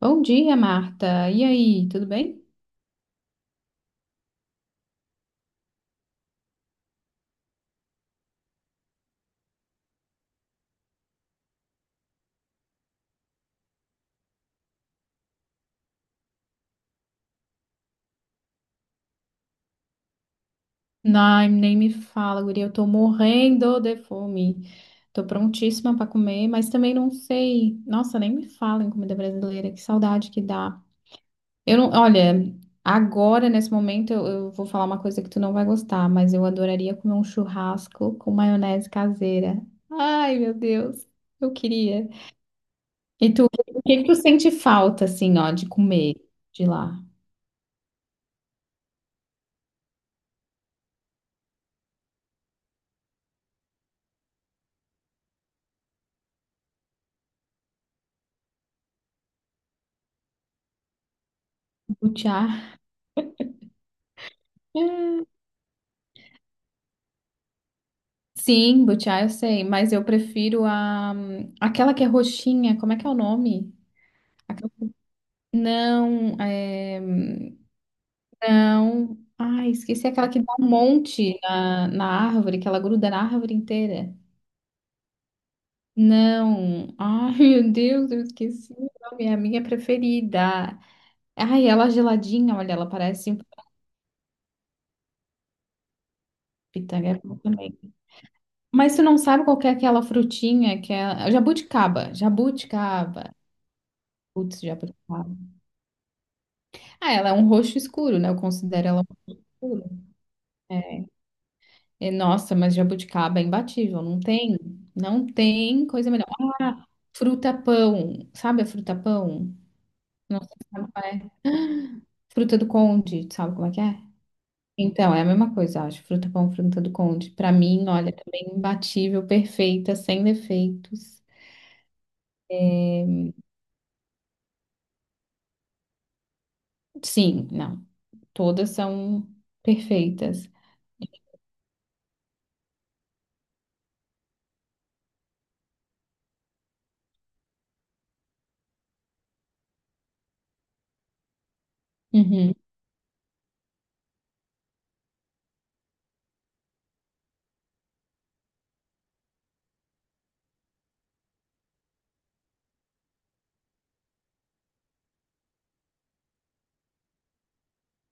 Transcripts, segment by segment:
Bom dia, Marta. E aí, tudo bem? Não, nem me fala, guria. Eu tô morrendo de fome. Tô prontíssima pra comer, mas também não sei. Nossa, nem me fala em comida brasileira. Que saudade que dá. Eu não, olha, agora, nesse momento, eu vou falar uma coisa que tu não vai gostar, mas eu adoraria comer um churrasco com maionese caseira. Ai, meu Deus, eu queria. E tu, o que que tu sente falta, assim, ó, de comer de lá? Lutear. Sim, butiá eu sei, mas eu prefiro a aquela que é roxinha, como é que é o nome? Aquela- Não, é... não. Ai, esqueci aquela que dá um monte na, árvore, que ela gruda na árvore inteira. Não. Ai, meu Deus, eu esqueci o nome, é a minha preferida. Ai, ela geladinha, olha, ela parece um pitanga é bom também. Mas tu não sabe qual que é aquela frutinha que é jabuticaba, jabuticaba. Putz, jabuticaba. Ah, ela é um roxo escuro, né? Eu considero ela um escuro. É. E, nossa, mas jabuticaba é imbatível. Não tem coisa melhor. Ah, fruta-pão. Sabe a fruta-pão? Não sei se sabe qual é. Fruta do Conde, sabe como é que é? Então, é a mesma coisa, eu acho. Fruta-pão, fruta do Conde. Pra mim, olha, também imbatível, perfeita, sem defeitos. É. Sim, não. Todas são perfeitas. Uhum.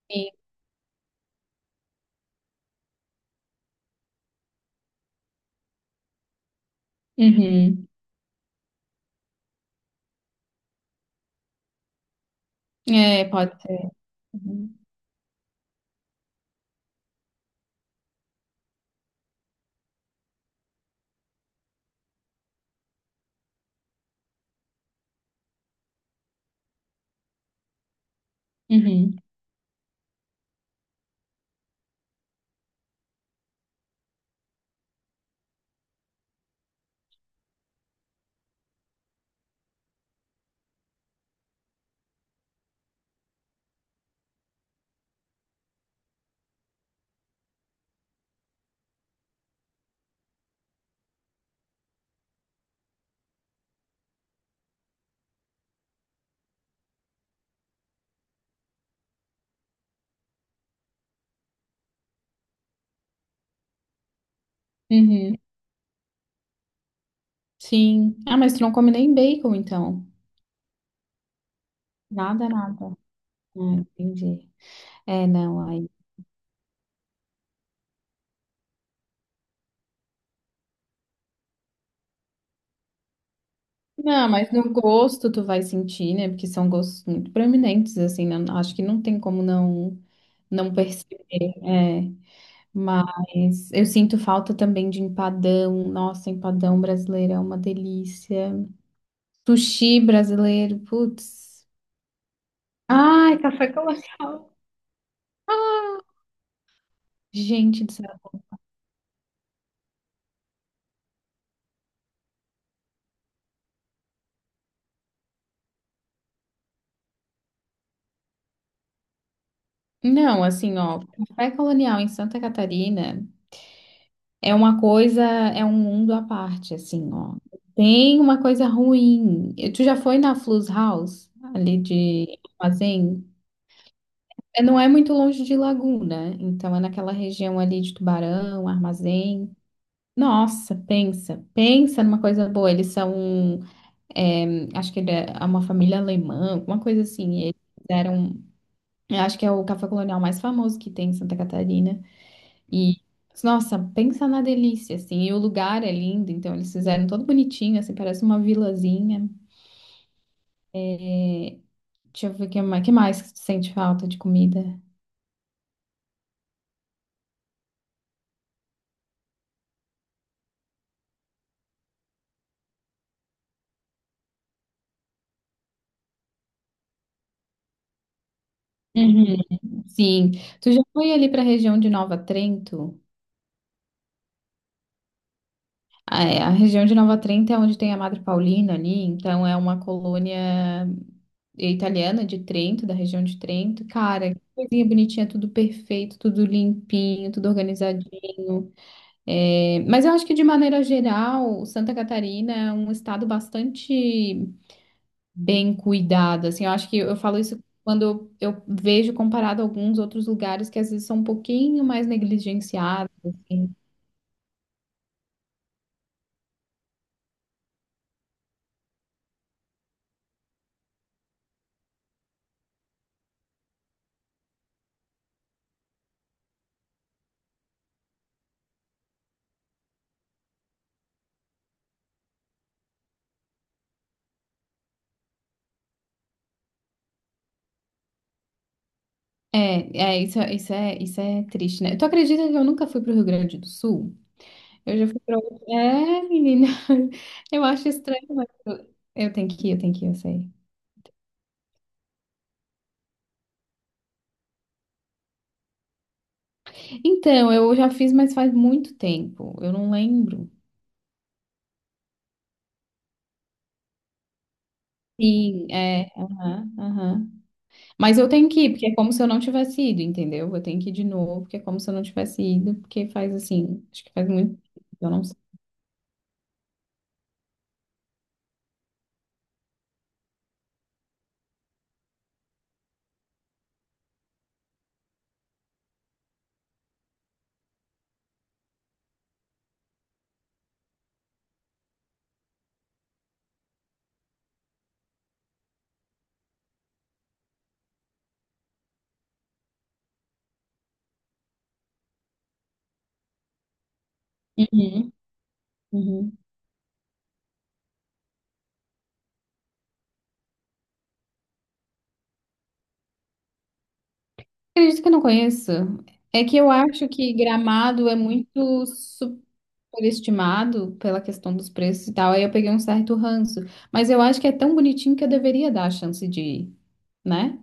Sim. Uhum. É, pode ser. Uhum. Uhum. Uhum, sim. Ah, mas tu não come nem bacon, então. Nada, nada. Ah, entendi. É, não, aí. Não, mas no gosto tu vai sentir, né? Porque são gostos muito proeminentes, assim, né? Acho que não tem como não perceber. É. Mas eu sinto falta também de empadão. Nossa, empadão brasileiro é uma delícia. Sushi brasileiro, putz. Ai, café colonial. Gente do céu. Não, assim, ó, café colonial em Santa Catarina. É uma coisa, é um mundo à parte, assim, ó. Tem uma coisa ruim. E tu já foi na Flus House, ali de Armazém? É, não é muito longe de Laguna, então é naquela região ali de Tubarão, Armazém. Nossa, pensa numa coisa boa. Eles são, é, acho que ele é uma família alemã, alguma coisa assim. E eles fizeram, eu acho que é o café colonial mais famoso que tem em Santa Catarina. E, nossa, pensa na delícia, assim. E o lugar é lindo, então eles fizeram todo bonitinho, assim, parece uma vilazinha. É. Deixa eu ver o que mais, que mais que tu sente falta de comida. Uhum. Sim, tu já foi ali para a região de Nova Trento? Ah, é, a região de Nova Trento é onde tem a Madre Paulina ali, então é uma colônia italiana de Trento, da região de Trento. Cara, que coisinha bonitinha, tudo perfeito, tudo limpinho, tudo organizadinho. É, mas eu acho que, de maneira geral, Santa Catarina é um estado bastante bem cuidado, assim, eu acho que eu falo isso quando eu vejo comparado a alguns outros lugares que às vezes são um pouquinho mais negligenciados, assim. Isso, isso é triste, né? Tu acredita que eu nunca fui pro Rio Grande do Sul? Eu já fui pra... É, menina, eu acho estranho, mas eu, eu tenho que ir, eu sei. Então, eu já fiz, mas faz muito tempo, eu não lembro. Sim, é. Aham, aham. Mas eu tenho que ir, porque é como se eu não tivesse ido, entendeu? Eu tenho que ir de novo, porque é como se eu não tivesse ido, porque faz assim, acho que faz muito tempo, eu não sei. Uhum, uhum. Acredito que eu não conheço. É que eu acho que Gramado é muito superestimado pela questão dos preços e tal, aí eu peguei um certo ranço. Mas eu acho que é tão bonitinho que eu deveria dar a chance de ir, né?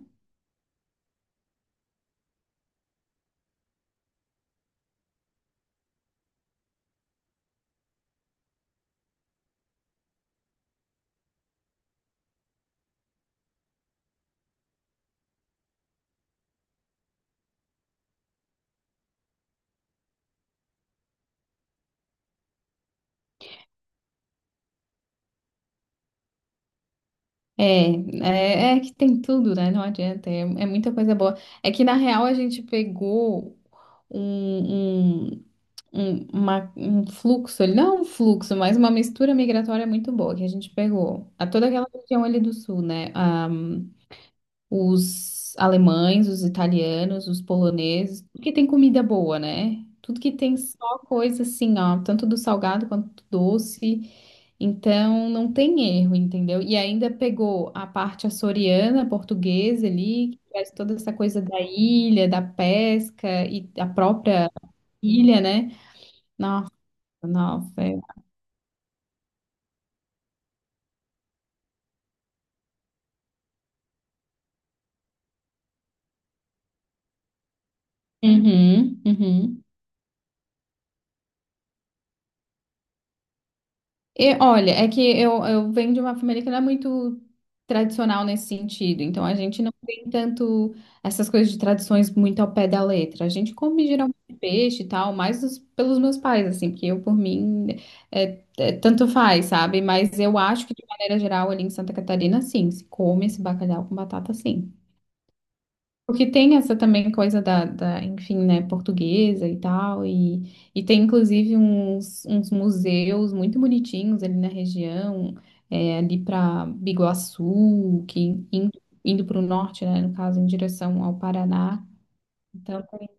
É, é que tem tudo, né? Não adianta, é muita coisa boa. É que na real a gente pegou um, um, um fluxo, não um fluxo, mas uma mistura migratória muito boa que a gente pegou. A toda aquela região ali do sul, né? Ah, os alemães, os italianos, os poloneses, tudo que tem comida boa, né? Tudo que tem só coisa assim, ó, tanto do salgado quanto do doce. Então não tem erro, entendeu? E ainda pegou a parte açoriana, portuguesa ali, que traz toda essa coisa da ilha, da pesca e a própria ilha, né? Nossa, nossa. É. Uhum, uhum. E, olha, é que eu, venho de uma família que não é muito tradicional nesse sentido, então a gente não tem tanto essas coisas de tradições muito ao pé da letra. A gente come geralmente peixe e tal, mais pelos meus pais, assim, porque eu, por mim, é, é, tanto faz, sabe? Mas eu acho que, de maneira geral, ali em Santa Catarina, sim, se come esse bacalhau com batata, sim. Porque tem essa também coisa enfim, né, portuguesa e tal, e tem inclusive uns, uns museus muito bonitinhos ali na região, é, ali para Biguaçu, que in- indo, para o norte, né, no caso, em direção ao Paraná. Então, tem-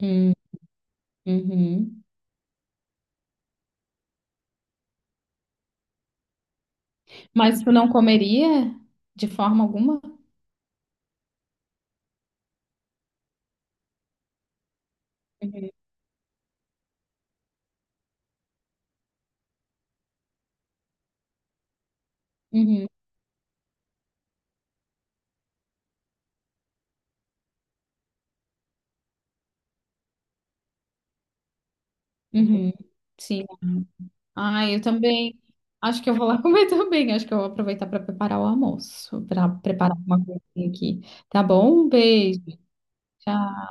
Hum, uhum. Mas tu não comeria de forma alguma? Uhum, uhum, uhum. Sim. Ah, eu também. Acho que eu vou lá comer também. Acho que eu vou aproveitar para preparar o almoço, para preparar uma coisinha aqui. Tá bom? Um beijo. Tchau.